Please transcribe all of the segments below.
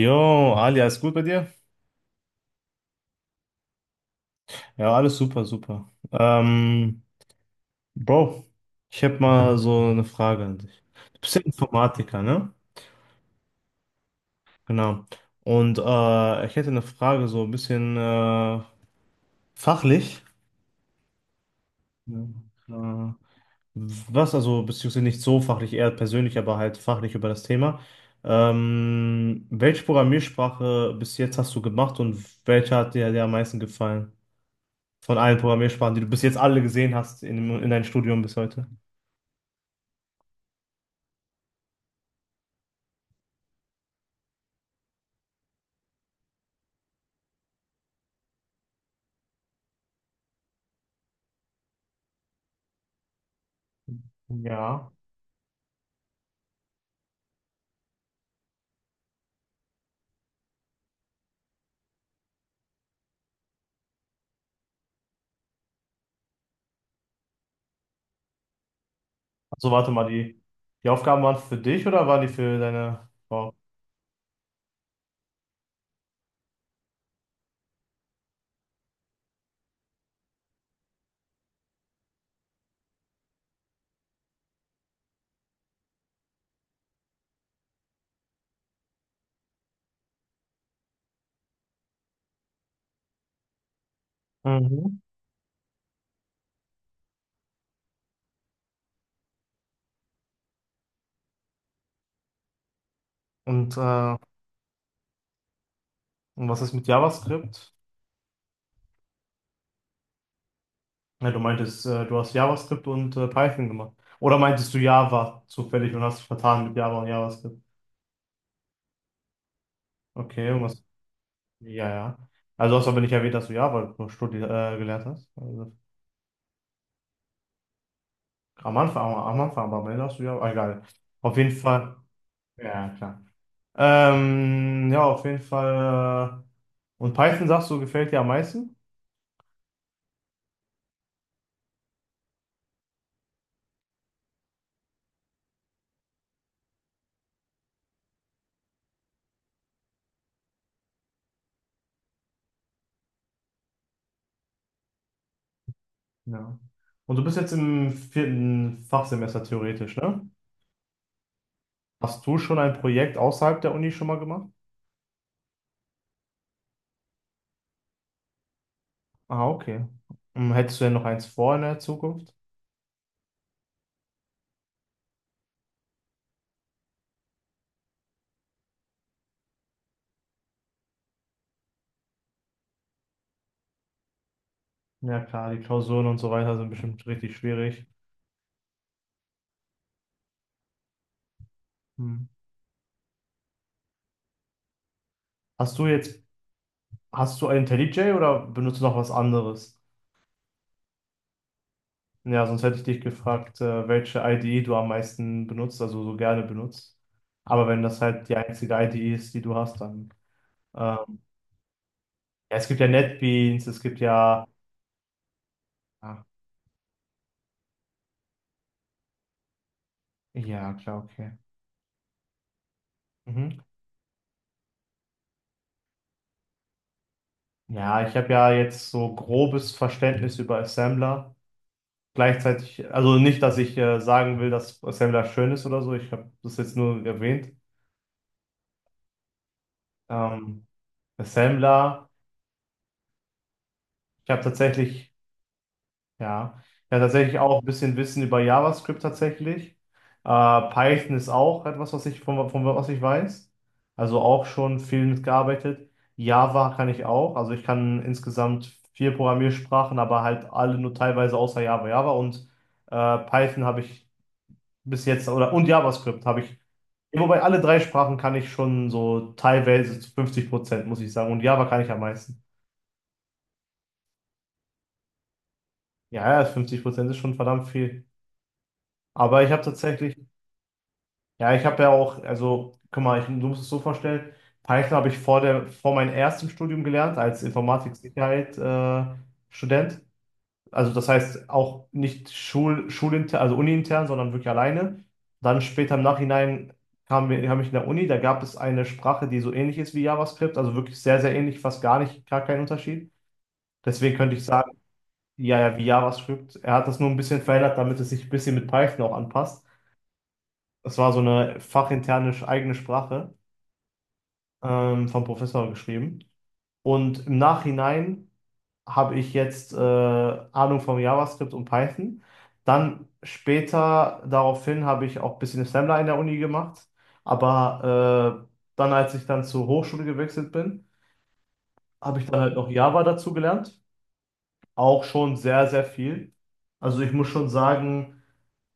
Jo, Ali, alles gut bei dir? Ja, alles super, super. Bro, ich habe mal so eine Frage an dich. Du bist ja Informatiker, ne? Genau. Und ich hätte eine Frage so ein bisschen fachlich. Ja. Äh, was also, beziehungsweise nicht so fachlich, eher persönlich, aber halt fachlich über das Thema. Welche Programmiersprache bis jetzt hast du gemacht und welche hat dir am meisten gefallen? Von allen Programmiersprachen, die du bis jetzt alle gesehen hast in deinem Studium bis heute. Ja. Also warte mal, die Aufgaben waren für dich oder waren die für deine Frau? Mhm. Und, äh, und was ist mit JavaScript? Ja, du meintest, du hast JavaScript und Python gemacht. Oder meintest du Java zufällig und hast dich vertan mit Java und JavaScript? Okay, und was? Ja, ja. Also hast du aber nicht erwähnt, dass du Java studi gelernt hast. Also, am Anfang, aber am Ende hast du Java. Ah, egal. Auf jeden Fall. Ja, klar. Ja, auf jeden Fall. Und Python, sagst du, gefällt dir am meisten? Ja. Und du bist jetzt im vierten Fachsemester theoretisch, ne? Hast du schon ein Projekt außerhalb der Uni schon mal gemacht? Ah, okay. Hm, hättest du denn noch eins vor in der Zukunft? Ja, klar, die Klausuren und so weiter sind bestimmt richtig schwierig. Hm. Hast du jetzt, hast du ein IntelliJ oder benutzt du noch was anderes? Ja, sonst hätte ich dich gefragt, welche IDE du am meisten benutzt, also so gerne benutzt. Aber wenn das halt die einzige IDE ist, die du hast, dann. Ähm, ja, es gibt ja NetBeans, es gibt ja. Ah, ja, klar, okay. Mhm. Ja, ich habe ja jetzt so grobes Verständnis über Assembler. Gleichzeitig, also nicht, dass ich sagen will, dass Assembler schön ist oder so. Ich habe das jetzt nur erwähnt. Ähm, Assembler, ich habe tatsächlich. Ja, ja, tatsächlich auch ein bisschen Wissen über JavaScript tatsächlich. Äh, Python ist auch etwas, was ich von was ich weiß. Also auch schon viel mitgearbeitet. Java kann ich auch. Also ich kann insgesamt vier Programmiersprachen, aber halt alle nur teilweise außer Java. Java und Python habe ich bis jetzt oder und JavaScript habe ich. Ja, wobei alle drei Sprachen kann ich schon so teilweise zu 50%, muss ich sagen. Und Java kann ich am meisten. Ja, ja, 50% ist schon verdammt viel. Aber ich habe tatsächlich. Ja, ich habe ja auch, also, guck mal, du musst es so vorstellen, Python habe ich vor meinem ersten Studium gelernt, als Informatik-Sicherheit, Student. Also das heißt auch nicht schulintern, also uniintern, sondern wirklich alleine. Dann später im Nachhinein kam ich in der Uni, da gab es eine Sprache, die so ähnlich ist wie JavaScript, also wirklich sehr ähnlich, fast gar nicht, gar keinen Unterschied. Deswegen könnte ich sagen, ja, wie JavaScript. Er hat das nur ein bisschen verändert, damit es sich ein bisschen mit Python auch anpasst. Das war so eine fachinterne eigene Sprache. Vom Professor geschrieben. Und im Nachhinein habe ich jetzt Ahnung vom JavaScript und Python. Dann später daraufhin habe ich auch ein bisschen Assembler in der Uni gemacht. Aber dann, als ich dann zur Hochschule gewechselt bin, habe ich dann halt noch Java dazu gelernt, auch schon sehr viel. Also ich muss schon sagen,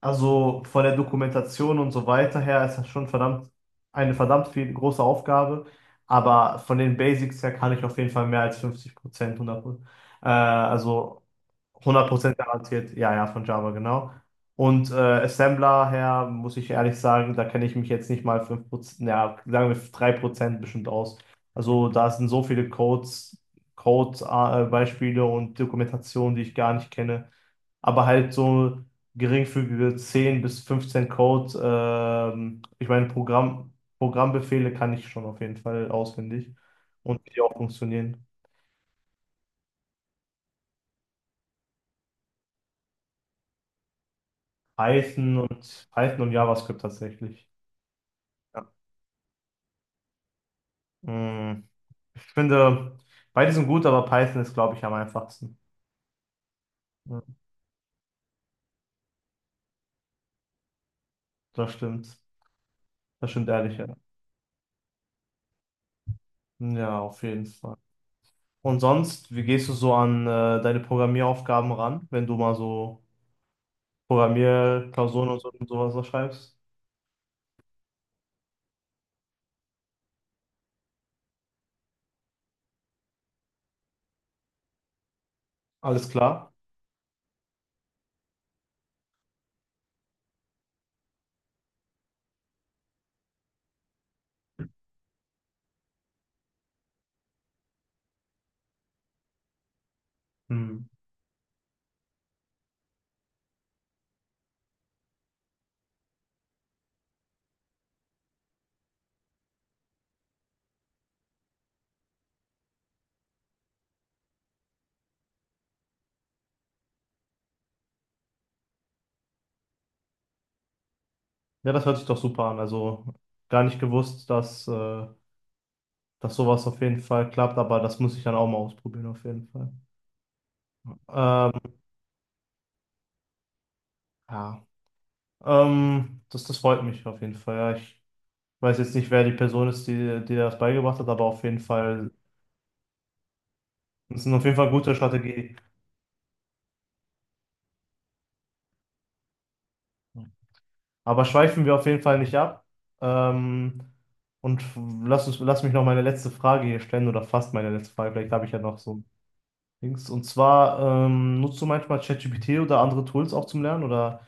also von der Dokumentation und so weiter her ist das schon verdammt eine verdammt viel große Aufgabe. Aber von den Basics her kann ich auf jeden Fall mehr als 50 Prozent, 100, äh, also hundert Prozent garantiert, ja, ja, von Java, genau. Und Assembler her, muss ich ehrlich sagen, da kenne ich mich jetzt nicht mal ja, sagen wir 3% bestimmt aus. Also da sind so viele Codes, Beispiele und Dokumentationen, die ich gar nicht kenne. Aber halt so geringfügige 10 bis 15 Codes, Programmbefehle kann ich schon auf jeden Fall auswendig und wie die auch funktionieren. Python und JavaScript tatsächlich. Ja. Mm, ich finde, beide sind gut, aber Python ist, glaube ich, am einfachsten. Ja, das stimmt. Das stimmt ehrlich, ja. Ja, auf jeden Fall. Und sonst, wie gehst du so an deine Programmieraufgaben ran, wenn du mal so Programmierklausuren und sowas da schreibst? Alles klar? Hm. Ja, das hört sich doch super an. Also gar nicht gewusst, dass sowas auf jeden Fall klappt, aber das muss ich dann auch mal ausprobieren, auf jeden Fall. Ähm, ja, das freut mich auf jeden Fall. Ja, ich weiß jetzt nicht, wer die Person ist, die dir das beigebracht hat, aber auf jeden Fall, das ist auf jeden Fall eine gute Strategie. Aber schweifen wir auf jeden Fall nicht ab. Ähm, und lass mich noch meine letzte Frage hier stellen oder fast meine letzte Frage. Vielleicht habe ich ja noch so ein Dings. Und zwar, nutzt du manchmal ChatGPT oder andere Tools auch zum Lernen oder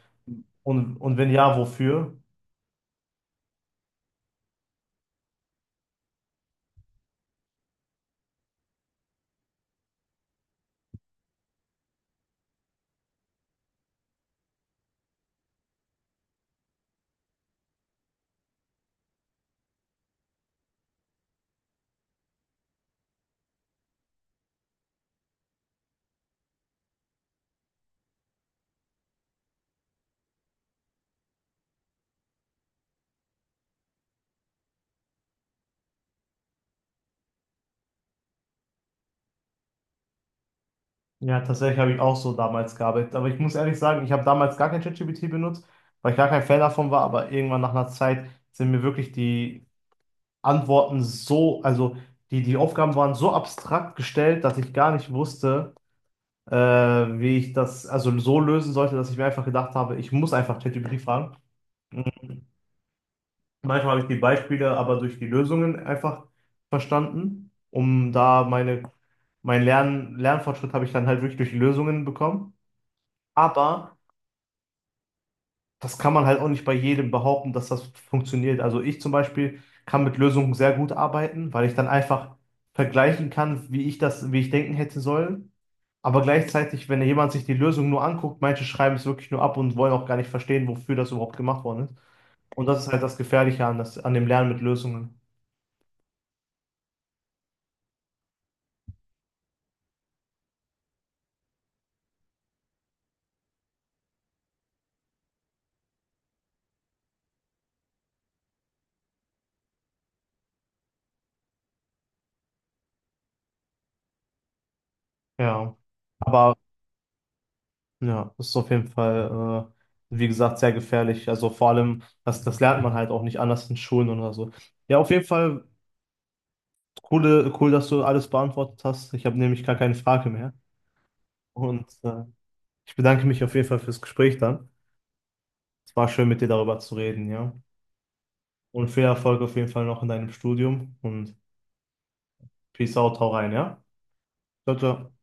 und wenn ja, wofür? Ja, tatsächlich habe ich auch so damals gearbeitet. Aber ich muss ehrlich sagen, ich habe damals gar kein ChatGPT benutzt, weil ich gar kein Fan davon war. Aber irgendwann nach einer Zeit sind mir wirklich die Antworten so, also die Aufgaben waren so abstrakt gestellt, dass ich gar nicht wusste, wie ich das also so lösen sollte, dass ich mir einfach gedacht habe, ich muss einfach ChatGPT fragen. Manchmal habe ich die Beispiele aber durch die Lösungen einfach verstanden, um mein Lernfortschritt habe ich dann halt wirklich durch die Lösungen bekommen. Aber das kann man halt auch nicht bei jedem behaupten, dass das funktioniert. Also ich zum Beispiel kann mit Lösungen sehr gut arbeiten, weil ich dann einfach vergleichen kann, wie ich denken hätte sollen. Aber gleichzeitig, wenn jemand sich die Lösung nur anguckt, manche schreiben es wirklich nur ab und wollen auch gar nicht verstehen, wofür das überhaupt gemacht worden ist. Und das ist halt das Gefährliche an dem Lernen mit Lösungen. Ja. Aber ja, das ist auf jeden Fall, wie gesagt, sehr gefährlich. Also vor allem, das lernt man halt auch nicht anders in Schulen oder so. Ja, auf jeden Fall, cool, dass du alles beantwortet hast. Ich habe nämlich gar keine Frage mehr. Und ich bedanke mich auf jeden Fall fürs Gespräch dann. Es war schön, mit dir darüber zu reden, ja. Und viel Erfolg auf jeden Fall noch in deinem Studium und Peace out, hau rein, ja? Ciao, ciao.